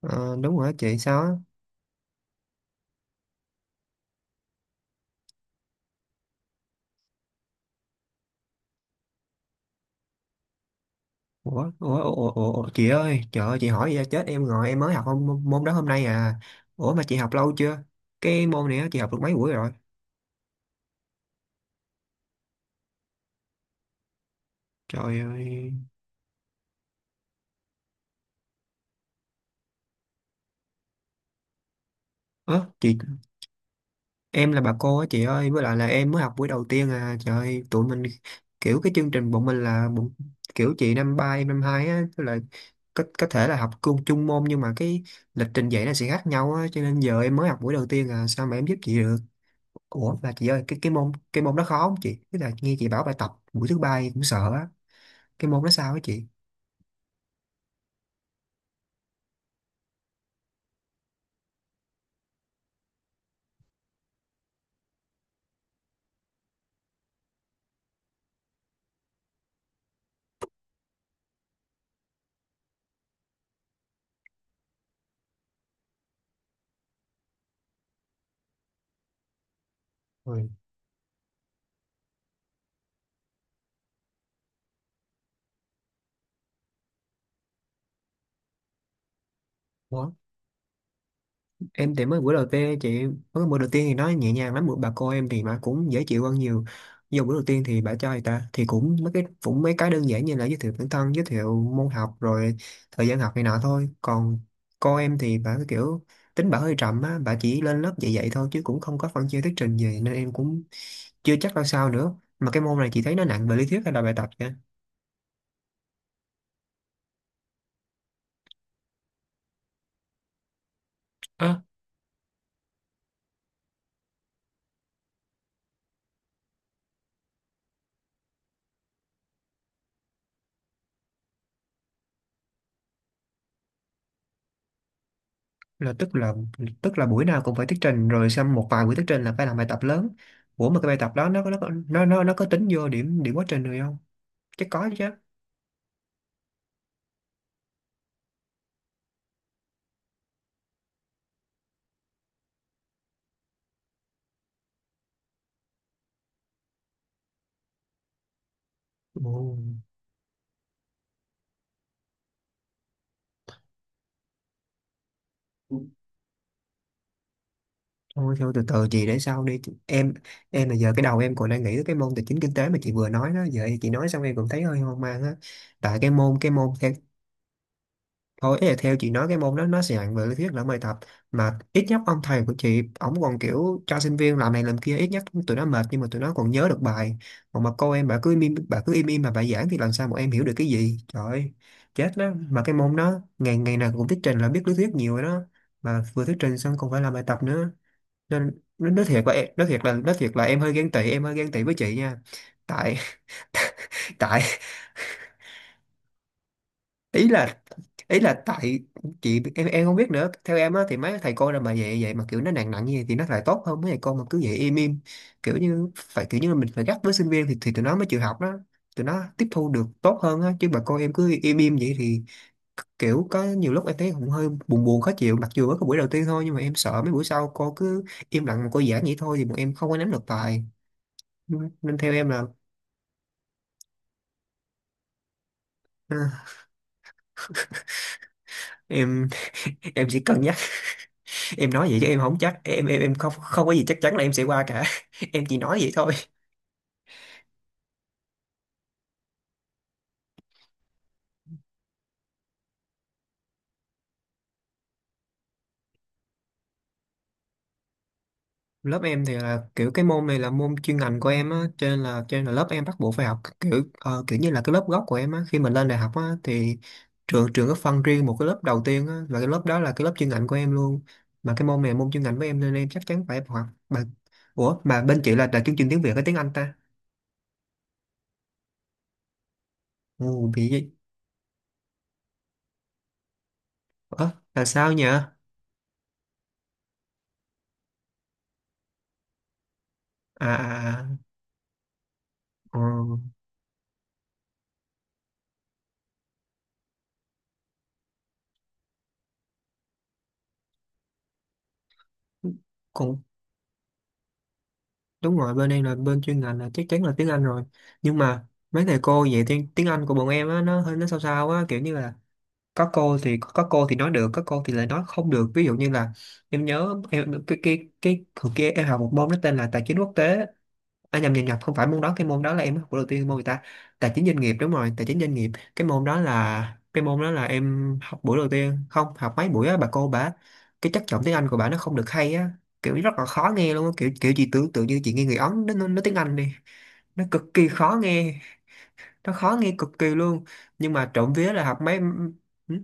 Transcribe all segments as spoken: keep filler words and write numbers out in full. Ờ, đúng rồi đó chị sao á. Ủa ủa, ủa, ủa, ủa chị ơi, trời ơi chị hỏi vậy chết em rồi, em mới học môn, môn đó hôm nay à. Ủa mà chị học lâu chưa, cái môn này á, chị học được mấy buổi rồi? Trời ơi. Ớ chị, em là bà cô á chị ơi, với lại là em mới học buổi đầu tiên à, trời ơi, tụi mình kiểu cái chương trình bọn mình là bọn, kiểu chị năm ba em năm hai á, tức là có, có thể là học chung chung môn, nhưng mà cái lịch trình dạy nó sẽ khác nhau á, cho nên giờ em mới học buổi đầu tiên à, sao mà em giúp chị được. Ủa mà chị ơi, cái cái môn cái môn đó khó không chị? Tức là nghe chị bảo bài tập buổi thứ ba em cũng sợ á. Cái môn đó sao á chị? Ôi. Ủa, em thì mới buổi đầu tiên chị, mới buổi đầu tiên thì nó nhẹ nhàng lắm, bữa bà cô em thì mà cũng dễ chịu hơn nhiều. Vô buổi đầu tiên thì bà cho người ta thì cũng mấy cái cũng mấy cái đơn giản như là giới thiệu bản thân, giới thiệu môn học rồi thời gian học này nọ thôi. Còn cô em thì bà cái kiểu tính bà hơi trầm á, bà chỉ lên lớp dạy dạy thôi chứ cũng không có phân chia thuyết trình gì, nên em cũng chưa chắc ra sao nữa. Mà cái môn này chị thấy nó nặng về lý thuyết hay là bài tập vậy? À, là tức là tức là buổi nào cũng phải thuyết trình, rồi xong một vài buổi thuyết trình là phải làm bài tập lớn. Ủa mà cái bài tập đó nó có- nó có- nó nó, nó có tính vô điểm điểm quá trình rồi không? Chắc có chứ. Ồ. Thôi thôi từ từ chị để sau đi. Chị- em em là giờ cái đầu em còn đang nghĩ tới cái môn tài chính kinh tế mà chị vừa nói đó, giờ chị nói xong em cũng thấy hơi hoang mang á, tại cái môn cái môn theo thôi, ý là theo chị nói cái môn đó nó sẽ nặng về lý thuyết lẫn bài tập, mà ít nhất ông thầy của chị ổng còn kiểu cho sinh viên làm này làm kia, ít nhất tụi nó mệt nhưng mà tụi nó còn nhớ được bài. Còn mà cô em bà cứ im im bà cứ im im mà bà giảng thì làm sao bọn em hiểu được cái gì, trời ơi, chết đó. Mà cái môn đó ngày ngày nào cũng thuyết trình là biết lý thuyết nhiều rồi đó, mà vừa thuyết trình xong còn phải làm bài tập nữa, nên nó nói thiệt là em nói thiệt là nói thiệt là em hơi ghen tị, em hơi ghen tị với chị nha. Tại tại ý là ý là tại chị, em em không biết nữa, theo em á thì mấy thầy cô nào mà vậy vậy mà kiểu nó nặng nặng như vậy thì nó lại tốt hơn mấy thầy cô mà cứ vậy im im, kiểu như phải kiểu như là mình phải gắt với sinh viên thì thì tụi nó mới chịu học đó, tụi nó tiếp thu được tốt hơn á, chứ mà cô em cứ im im vậy thì kiểu có nhiều lúc em thấy cũng hơi buồn buồn khó chịu, mặc dù ở cái buổi đầu tiên thôi, nhưng mà em sợ mấy buổi sau cô cứ im lặng mà cô giảng vậy thôi thì bọn em không có nắm được bài, nên theo em là ờ, em. em chỉ cần em nói vậy chứ em không chắc, em em em không không có gì chắc chắn là em sẽ qua cả. Em chỉ nói vậy thôi. Lớp em thì là kiểu cái môn này là môn chuyên ngành của em á, cho nên là cho nên là lớp em bắt buộc phải học, kiểu ờ, kiểu như là cái lớp gốc của em á, khi mình lên đại học á thì trường trường có phân riêng một cái lớp đầu tiên á, và cái lớp đó là cái lớp chuyên ngành của em luôn, mà cái môn này là môn chuyên ngành của em nên em chắc chắn phải học mà. Ủa mà bên chị là là chương trình tiếng Việt hay tiếng Anh ta? Ồ bị gì. Ủa là sao nhỉ? À, à, à. Ờ. Còn đúng rồi, bên em là bên chuyên ngành là chắc chắn là tiếng Anh rồi, nhưng mà mấy thầy cô dạy tiếng tiếng Anh của bọn em á nó hơi nó sao sao á, kiểu như là có cô thì có cô thì nói được, có cô thì lại nói không được, ví dụ như là em nhớ em cái cái cái hồi kia em học một môn nó tên là tài chính quốc tế. À, nhầm nhầm nhầm không phải môn đó, cái môn đó là em học của đầu tiên môn người ta tài chính doanh nghiệp, đúng rồi tài chính doanh nghiệp. Cái môn đó là cái môn đó là em học buổi đầu tiên không học mấy buổi á, bà cô bà cái chất giọng tiếng Anh của bà nó không được hay á, kiểu rất là khó nghe luôn á, kiểu kiểu chị tưởng tượng như chị nghe người Ấn nó nó- nói tiếng Anh đi, nó cực kỳ khó nghe, nó khó nghe cực kỳ luôn, nhưng mà trộm vía là học mấy. Ừ,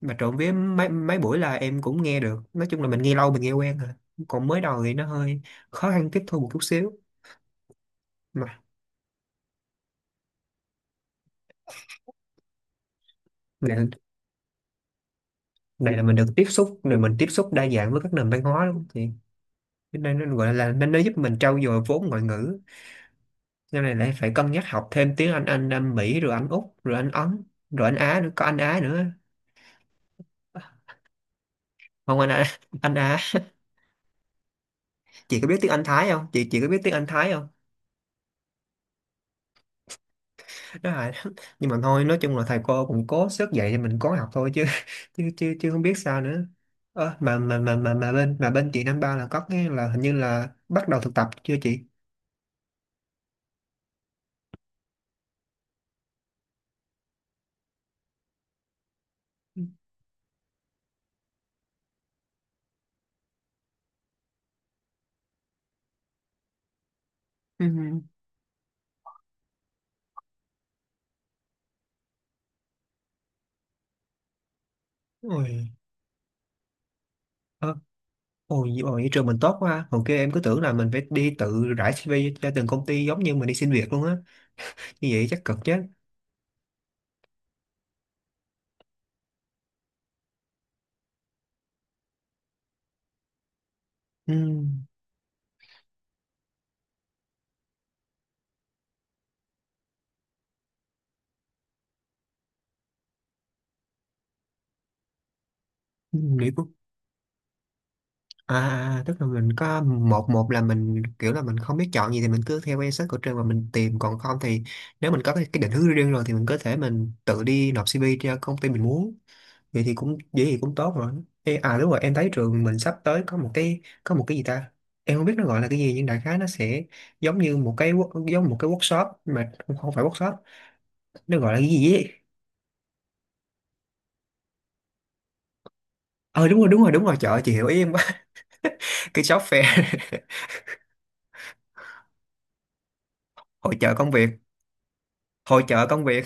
mà trộm vía mấy mấy buổi là em cũng nghe được, nói chung là mình nghe lâu mình nghe quen rồi, còn mới đầu thì nó hơi khó khăn tiếp thu một chút xíu mà. Dạ. Này là mình được tiếp xúc rồi, mình tiếp xúc đa dạng với các nền văn hóa đúng không? Thì cái này nó gọi là nên nó giúp mình trau dồi vốn ngoại ngữ, sau này lại phải cân nhắc học thêm tiếng Anh Anh Anh Mỹ rồi Anh Úc rồi Anh Ấn rồi Anh Á nữa, có Anh Á nữa, không anh Á, anh Á. Chị có biết tiếng Anh Thái không chị, chị có biết tiếng Anh Thái không đó là. Nhưng mà thôi nói chung là thầy cô cũng cố sức dạy thì mình cố học thôi, chứ chứ chứ, chứ không biết sao nữa. Ờ, mà mà mà mà mà bên mà bên chị năm ba là có cái là hình như là bắt đầu thực tập chưa chị? Ừ. Ôi. Ờ. Ôi, nhưng mà vậy trường mình tốt quá ha. Hồi kia em cứ tưởng là mình phải đi tự rải xi vi cho từng công ty giống như mình đi xin việc luôn á. Như vậy chắc cực chứ. Ừ. À, à, à, tức là mình có một, một là mình kiểu là mình không biết chọn gì thì mình cứ theo cái search của trường mà mình tìm, còn không thì nếu mình có cái, cái định hướng riêng rồi thì mình có thể mình tự đi nộp xê vê cho công ty mình muốn, vậy thì cũng vậy thì cũng tốt rồi. Ê, à đúng rồi em thấy trường mình sắp tới có một cái có một cái gì ta, em không biết nó gọi là cái gì nhưng đại khái nó sẽ giống như một cái wo- giống một cái workshop mà không, không phải workshop, nó gọi là cái gì ấy. Ờ đúng rồi đúng rồi đúng rồi trời ơi, chị hiểu ý em quá. Cái shop fair. Hội chợ công việc, hội chợ công việc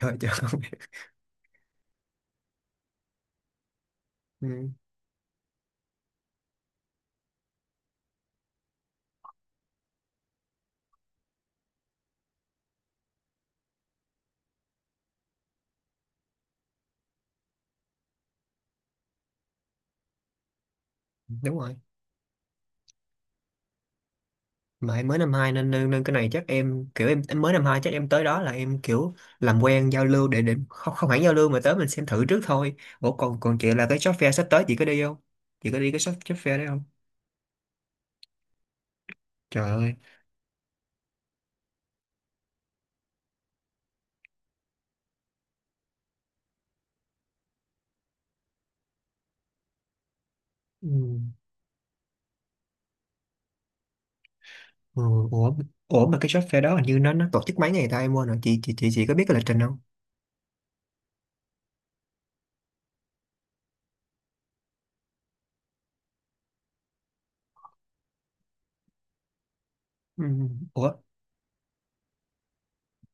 hội chợ công việc. Ừ. Đúng rồi. Mà em mới năm hai nên, nên nên cái này chắc em kiểu em em mới năm hai chắc em tới đó là em kiểu làm quen giao lưu để để không không hẳn giao lưu mà tới mình xem thử trước thôi. Ủa còn còn chị là cái shop fair sắp tới chị có đi không, chị có đi cái shop shop fair đấy không? Trời ơi. Ừ. Ừ, ủa, ủa mà cái shop fair đó hình như nó nó tổ chức mấy ngày ta, em quên rồi chị, chị chị chị có biết cái lịch trình không? Ừ. Ủa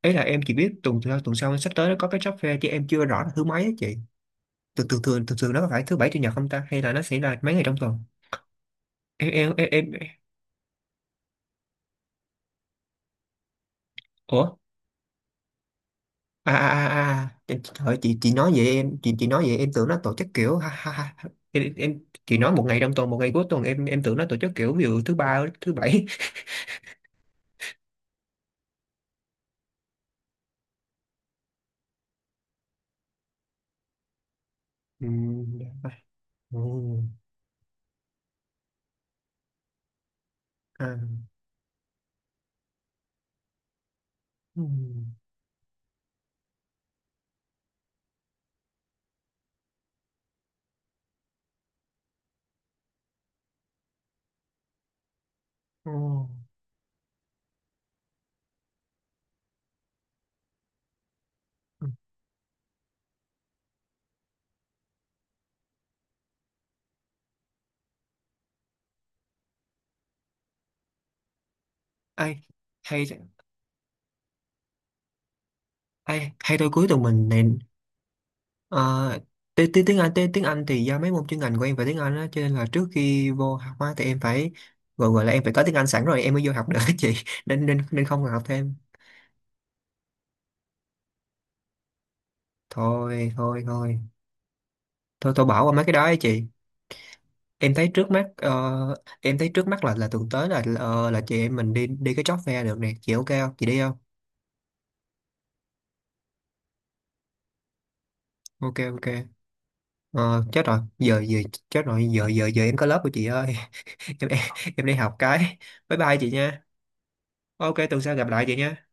ấy là em chỉ biết tuần sau, tuần sau sắp tới nó có cái shop fair, chứ em chưa rõ là thứ mấy á chị, thường thường thường thường thường nó có phải thứ bảy chủ nhật không ta, hay là nó sẽ là mấy ngày trong tuần? Em em em, em... Ủa à, à, à, à. Trời ơi, chị chị nói vậy em, chị chị nói vậy em tưởng nó tổ chức kiểu ha, ha, ha. Em, em chị nói một ngày trong tuần một ngày cuối tuần em em tưởng nó tổ chức kiểu ví dụ thứ ba thứ bảy. Ừ, dạ. Ừ, à, ừ, ừ. Ừ. Ai hay, ai hay tôi cuối tuần mình này. Ờ, tiếng tiếng tiếng Anh tiếng tiếng Anh thì do mấy môn chuyên ngành của em phải tiếng Anh á, cho nên là trước khi vô học á thì em phải gọi, gọi là em phải có tiếng Anh sẵn rồi em mới vô học được á chị. Nên nên nên không cần học thêm. Thôi thôi thôi thôi thôi bỏ qua mấy cái đó ấy chị. Em thấy trước mắt ờ, em thấy trước mắt là là thực tới là ờ, là chị em mình đi đi cái job fair được nè chị, ok không chị đi không? Ok ok. Ờ, chết rồi giờ giờ, chết rồi giờ giờ giờ em có lớp của chị ơi. Em em, em đi học cái, bye bye chị nha. Ok tuần sau gặp lại chị nha.